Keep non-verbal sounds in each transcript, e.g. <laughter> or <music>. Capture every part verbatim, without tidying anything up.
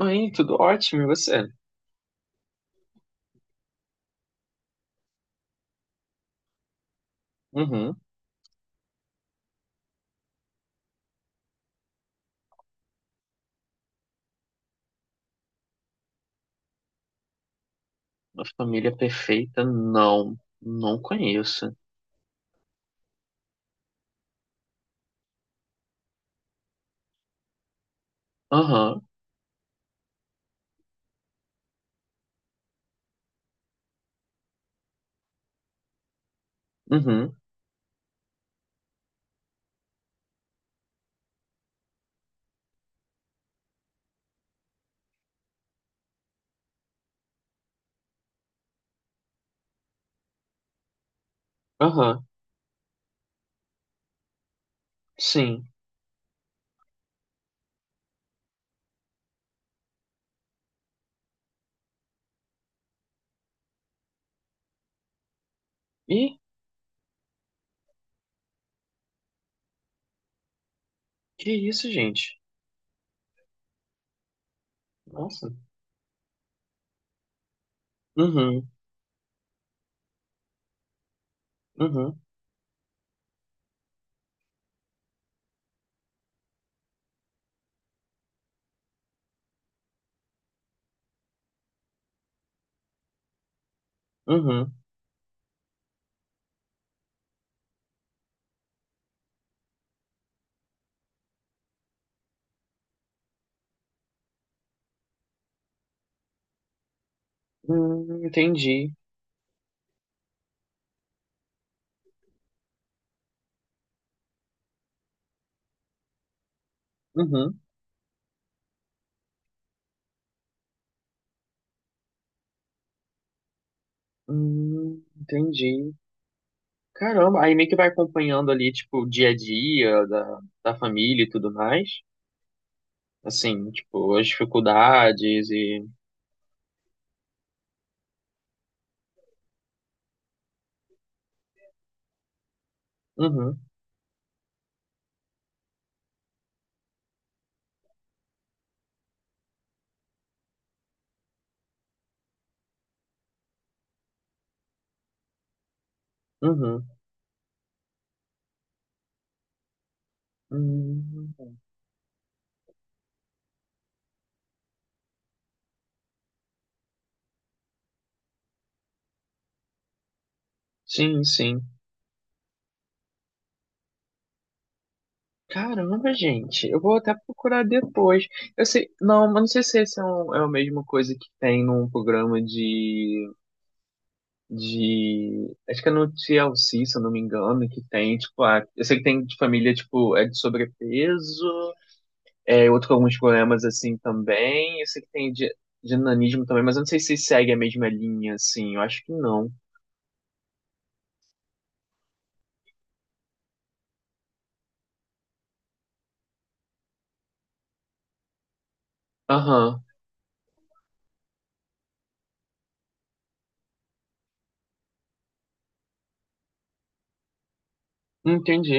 Oi, tudo ótimo, e você? Uhum. Uma família perfeita? Não, não conheço. Aham, uhum, aham, sim. Ih, que isso, gente? Nossa. Uhum, uhum, uhum. Hum, entendi. Uhum, hum, entendi. Caramba, aí meio que vai acompanhando ali, tipo, o dia a dia da, da família e tudo mais. Assim, tipo, as dificuldades e. Uhum, uhum. Hum, sim, sim. Caramba, gente, eu vou até procurar depois. Eu sei, não, mas não sei se esse é, um, é a mesma coisa que tem num programa de, de, acho que é no T L C, se eu não me engano, que tem, tipo, ah, eu sei que tem de família, tipo, é de sobrepeso, é outro com alguns problemas assim também, eu sei que tem de, de nanismo também, mas eu não sei se segue a mesma linha, assim, eu acho que não. Aham, entendi.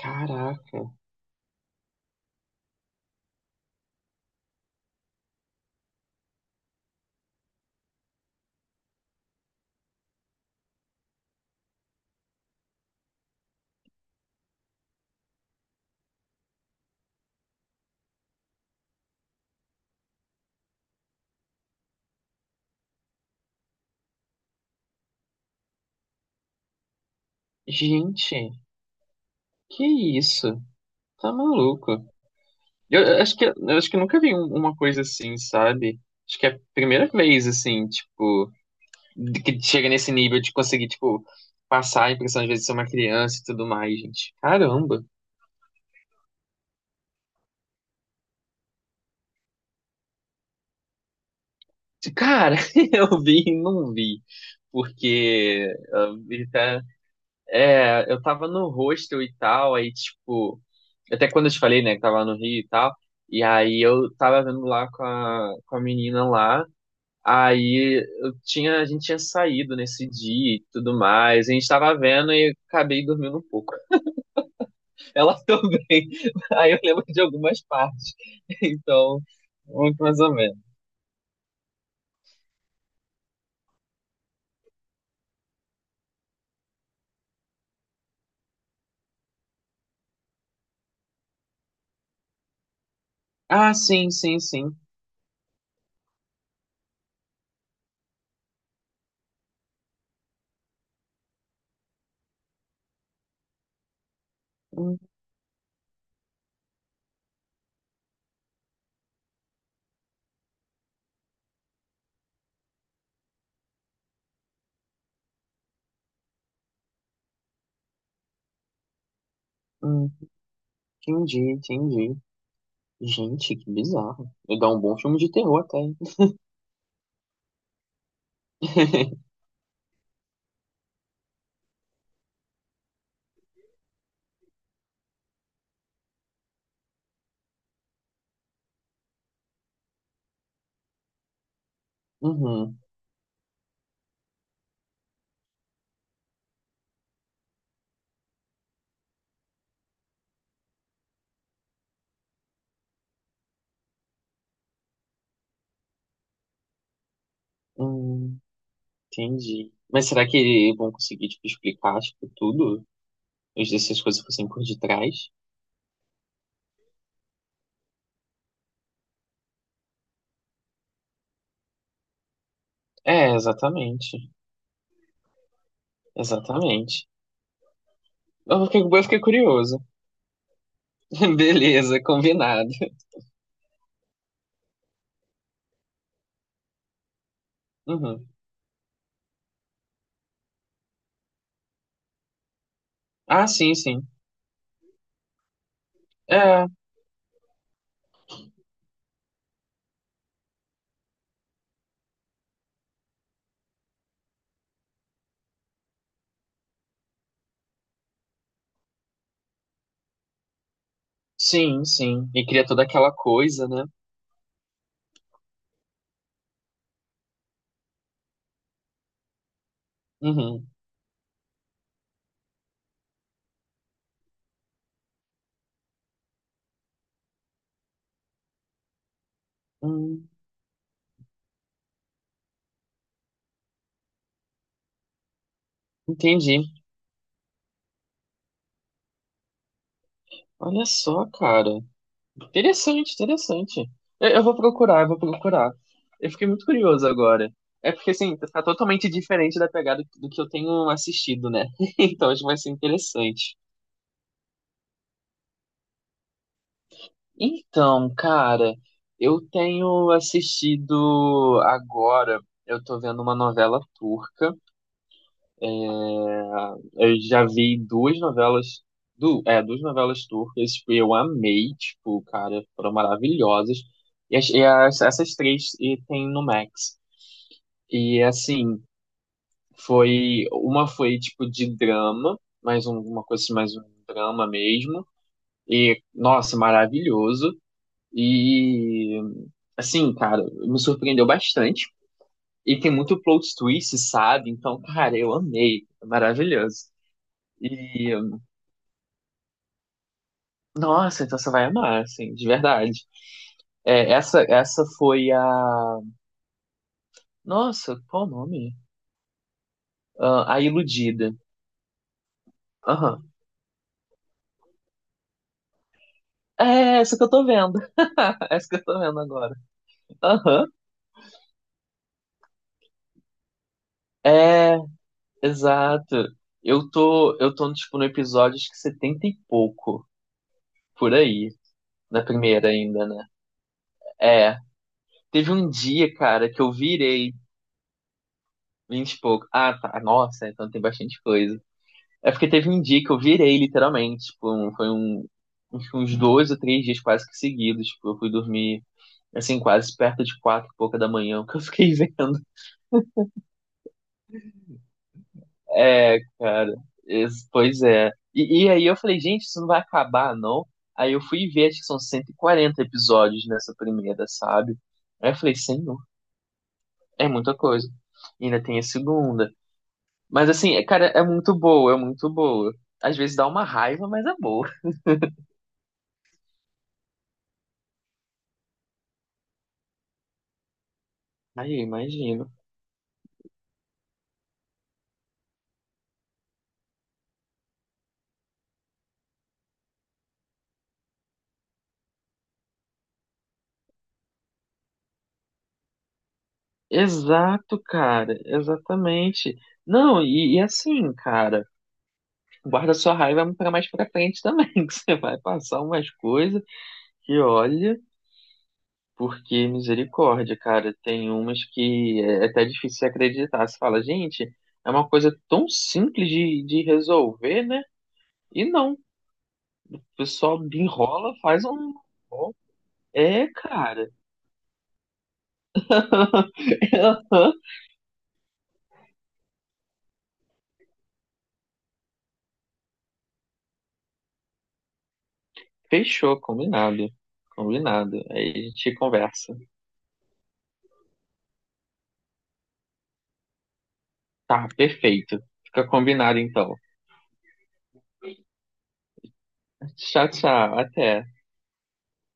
Caraca, gente, que isso? Tá maluco? Eu acho que, eu acho que nunca vi um- uma coisa assim, sabe? Acho que é a primeira vez, assim, tipo, de- que chega nesse nível de conseguir, tipo, passar a impressão às vezes de ser uma criança e tudo mais, gente. Caramba! Cara, <laughs> eu vi e não vi. Porque ah, ele tá- é, eu tava no hostel e tal, aí, tipo, até quando eu te falei, né, que tava no Rio e tal, e aí eu tava vendo lá com a, com a menina lá. Aí eu tinha, a gente tinha saído nesse dia e tudo mais. A gente tava vendo e eu acabei dormindo um pouco. Ela <laughs> também. Aí eu lembro de algumas partes. <laughs> Então, muito mais ou menos. Ah, sim, sim, sim. Hum, hum, entendi, entendi. Gente, que bizarro. Vai dar um bom filme de terror até, hein? <laughs> Uhum, hum, entendi. Mas será que vão conseguir, tipo, explicar, tipo, tudo, se essas coisas fossem por detrás? É, exatamente. Exatamente. Eu fiquei, eu fiquei curioso. <laughs> Beleza, combinado. Uhum. Ah, sim, sim. É, sim, sim. E cria toda aquela coisa, né? Uhum. Hum, entendi. Olha só, cara. Interessante, interessante. Eu, eu vou procurar, eu vou procurar. Eu fiquei muito curioso agora. É porque, assim, tá totalmente diferente da pegada do que eu tenho assistido, né? <laughs> Então, acho que vai ser interessante. Então, cara, eu tenho assistido agora, eu tô vendo uma novela turca. Ah, eu já vi duas novelas, du, é, duas novelas turcas, tipo, eu amei, tipo, cara, foram maravilhosas. E, as- e as- essas três e tem no Max. E assim, foi uma foi tipo de drama, mais um- uma coisa assim, mais um drama mesmo. E nossa, maravilhoso. E, assim, cara, me surpreendeu bastante. E tem muito plot twist, sabe? Então, cara, eu amei. É maravilhoso. E, nossa, então você vai amar, assim, de verdade. É, essa, essa foi a. Nossa, qual o nome? Ah, a Iludida. Aham. É essa que eu tô vendo. <laughs> Essa que eu tô vendo agora. Aham. É, exato. Eu tô, eu tô, tipo, no episódio acho que setenta e pouco, por aí. Na primeira ainda, né? É, teve um dia, cara, que eu virei vinte e pouco. Ah, tá. Nossa, então tem bastante coisa. É porque teve um dia que eu virei, literalmente. Tipo, um- foi um, uns uns dois ou três dias quase que seguidos. Tipo, eu fui dormir, assim, quase perto de quatro e pouca da manhã, <laughs> o que eu fiquei <laughs> vendo. É, cara. es- Pois é. E, e aí eu falei, gente, isso não vai acabar, não? Aí eu fui ver, acho que são cento e quarenta episódios nessa primeira, sabe? Aí eu falei, senhor, é muita coisa. E ainda tem a segunda. Mas assim, é- cara, é muito boa, é muito boa. Às vezes dá uma raiva, mas é boa. <laughs> Aí, imagino. Exato, cara, exatamente. Não, e, e assim, cara, guarda sua raiva pra mais pra frente também, <laughs> que você vai passar umas coisas que olha, porque misericórdia, cara, tem umas que é é até difícil de acreditar. Você fala, gente, é uma coisa tão simples de, de resolver, né? E não, o pessoal enrola, faz um. É, cara. <laughs> Fechou, combinado. Combinado. Aí a gente conversa. Tá, perfeito. Fica combinado então. Tchau, tchau. Até.